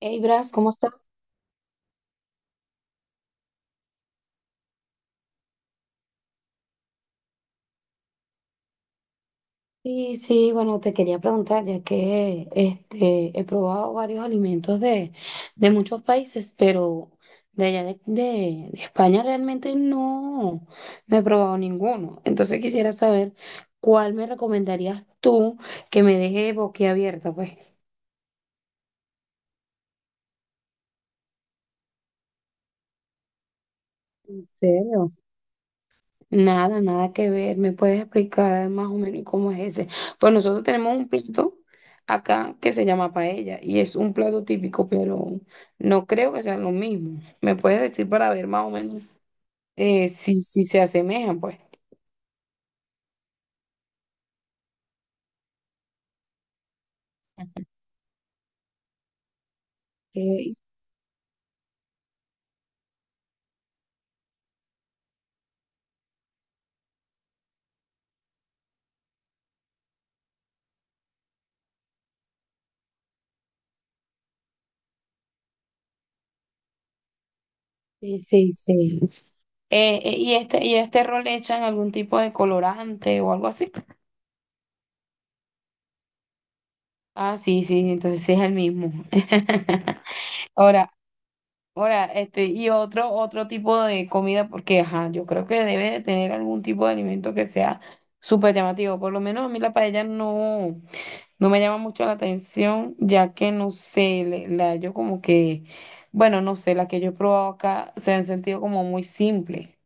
Hey Bras, ¿cómo estás? Sí, sí, bueno, te quería preguntar, ya que he probado varios alimentos de muchos países, pero de allá de España realmente no he probado ninguno. Entonces quisiera saber cuál me recomendarías tú que me deje boquiabierta, pues. ¿En serio? Nada, nada que ver. ¿Me puedes explicar más o menos cómo es ese? Pues nosotros tenemos un plato acá que se llama paella y es un plato típico, pero no creo que sean lo mismo. ¿Me puedes decir para ver más o menos si se asemejan, pues? Ok. Sí, sí, sí. ¿Y este rol le echan algún tipo de colorante o algo así? Ah, sí, sí, entonces sí es el mismo. Ahora, ahora, y otro tipo de comida, porque ajá, yo creo que debe de tener algún tipo de alimento que sea súper llamativo. Por lo menos a mí la paella no me llama mucho la atención, ya que no sé, le- la yo como que, bueno, no sé, las que yo he probado acá se han sentido como muy simple.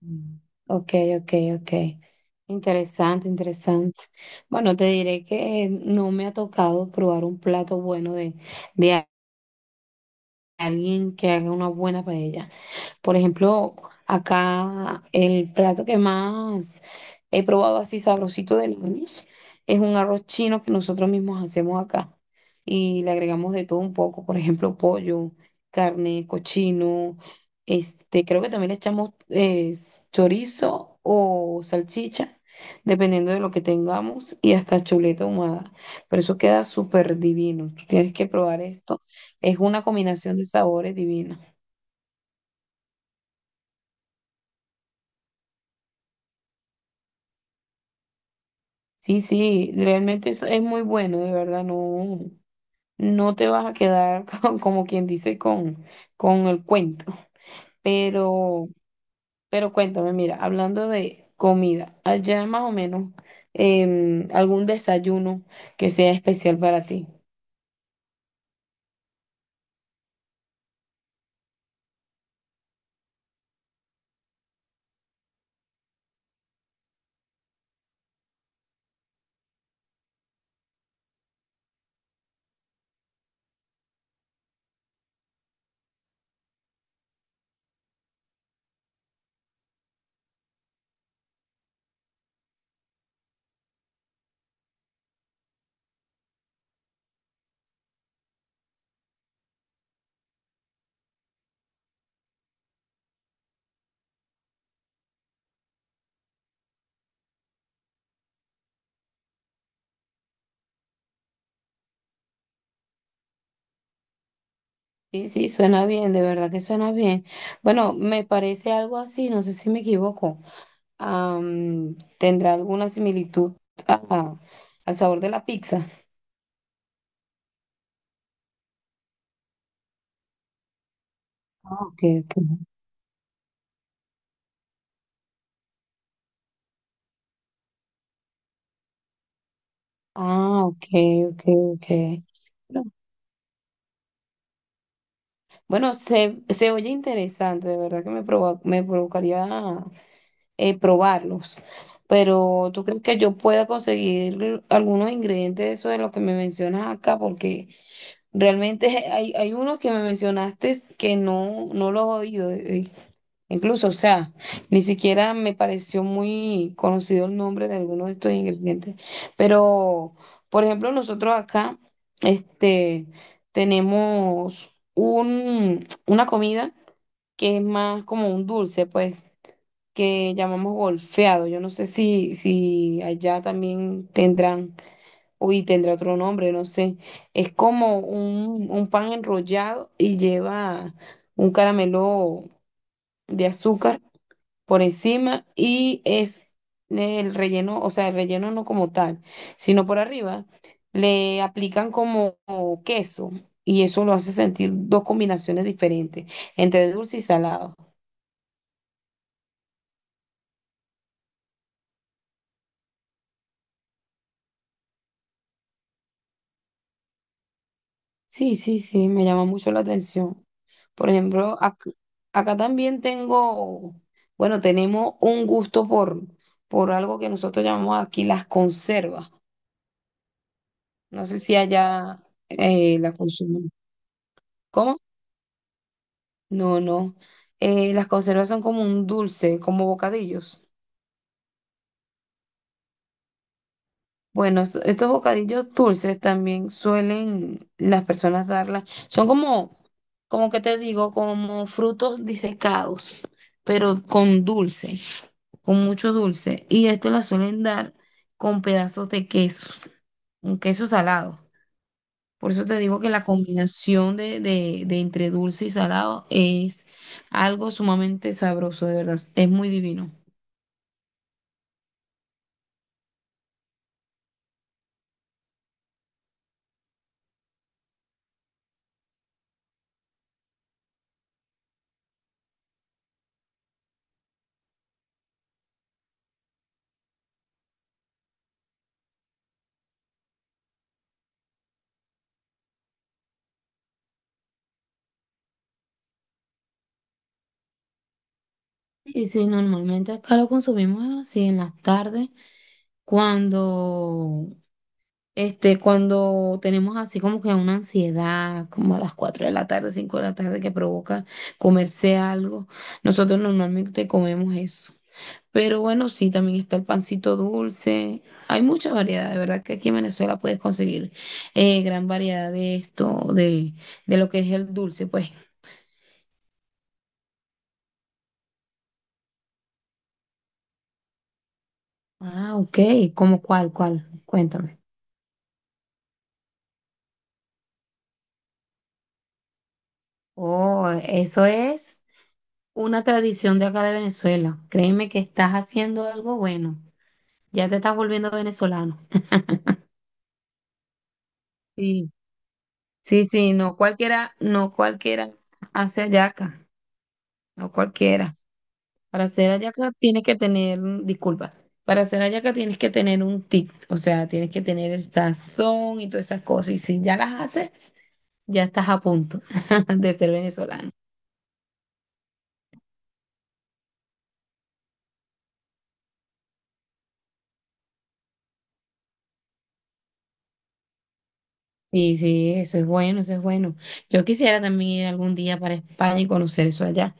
Mm. Ok, ok, ok. Interesante, interesante. Bueno, te diré que no me ha tocado probar un plato bueno de alguien que haga una buena paella. Por ejemplo, acá el plato que más he probado así sabrosito del año es un arroz chino que nosotros mismos hacemos acá y le agregamos de todo un poco, por ejemplo, pollo, carne, cochino, creo que también le echamos chorizo o salchicha, dependiendo de lo que tengamos y hasta chuleta ahumada, pero eso queda súper divino. Tú tienes que probar esto, es una combinación de sabores divina. Sí, sí, realmente eso es muy bueno, de verdad, no te vas a quedar como quien dice con el cuento. Pero, pero cuéntame, mira, hablando de comida, allá más o menos, algún desayuno que sea especial para ti. Sí, sí, suena bien, de verdad que suena bien. Bueno, me parece algo así, no sé si me equivoco. ¿Tendrá alguna similitud a- al sabor de la pizza? Ah, ok, ok. Ah, ok, ok, ok. No. Bueno, se oye interesante, de verdad que me provocaría probarlos, pero ¿tú crees que yo pueda conseguir algunos ingredientes de eso de lo que me mencionas acá? Porque realmente hay unos que me mencionaste que no los he oído. Incluso, o sea, ni siquiera me pareció muy conocido el nombre de algunos de estos ingredientes. Pero, por ejemplo, nosotros acá, este, tenemos una comida que es más como un dulce, pues, que llamamos golfeado. Yo no sé si allá también tendrán, uy, tendrá otro nombre, no sé. Es como un pan enrollado y lleva un caramelo de azúcar por encima y es el relleno, o sea, el relleno no como tal, sino por arriba, le aplican como queso y eso lo hace sentir dos combinaciones diferentes entre dulce y salado. Sí, sí, sí, me llama mucho la atención. Por ejemplo, acá, también tengo, bueno, tenemos un gusto por algo que nosotros llamamos aquí las conservas. No sé si allá la consumen. ¿Cómo? No, no. Las conservas son como un dulce, como bocadillos. Bueno, estos bocadillos dulces también suelen las personas darlas. Son como, como que te digo, como frutos disecados, pero con dulce, con mucho dulce. Y esto las suelen dar con pedazos de queso, un queso salado. Por eso te digo que la combinación de entre dulce y salado es algo sumamente sabroso, de verdad. Es muy divino. Y si normalmente acá lo consumimos así en las tardes, cuando, cuando tenemos así como que una ansiedad, como a las 4 de la tarde, 5 de la tarde, que provoca comerse algo, nosotros normalmente comemos eso. Pero bueno, sí, también está el pancito dulce. Hay mucha variedad, de verdad que aquí en Venezuela puedes conseguir gran variedad de esto, de lo que es el dulce, pues. Ah, ok, ¿cómo cuál, cuál? Cuéntame. Oh, eso es una tradición de acá de Venezuela. Créeme que estás haciendo algo bueno. Ya te estás volviendo venezolano. Sí, sí, sí, no cualquiera, no cualquiera hace hallaca, no cualquiera. Para hacer hallaca tienes que tener, disculpa, para hacer hallaca tienes que tener un tip, o sea, tienes que tener el sazón y todas esas cosas. Y si ya las haces, ya estás a punto de ser venezolano. Sí, sí, eso es bueno, eso es bueno. Yo quisiera también ir algún día para España y conocer eso allá.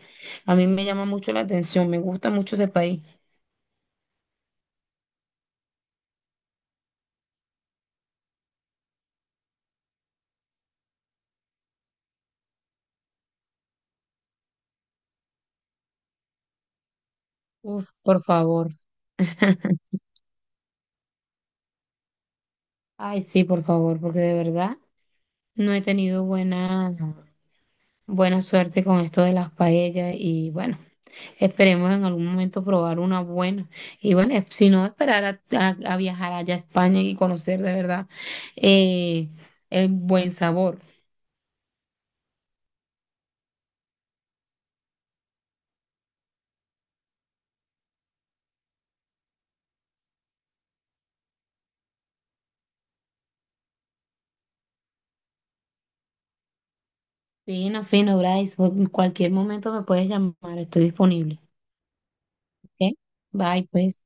A mí me llama mucho la atención, me gusta mucho ese país. Uf, por favor. Ay, sí, por favor, porque de verdad no he tenido buena, buena suerte con esto de las paellas y bueno, esperemos en algún momento probar una buena. Y bueno, si no, esperar a viajar allá a España y conocer de verdad eh, el buen sabor. Fino, fino, Bryce. En cualquier momento me puedes llamar, estoy disponible. ¿Ok? Bye, pues.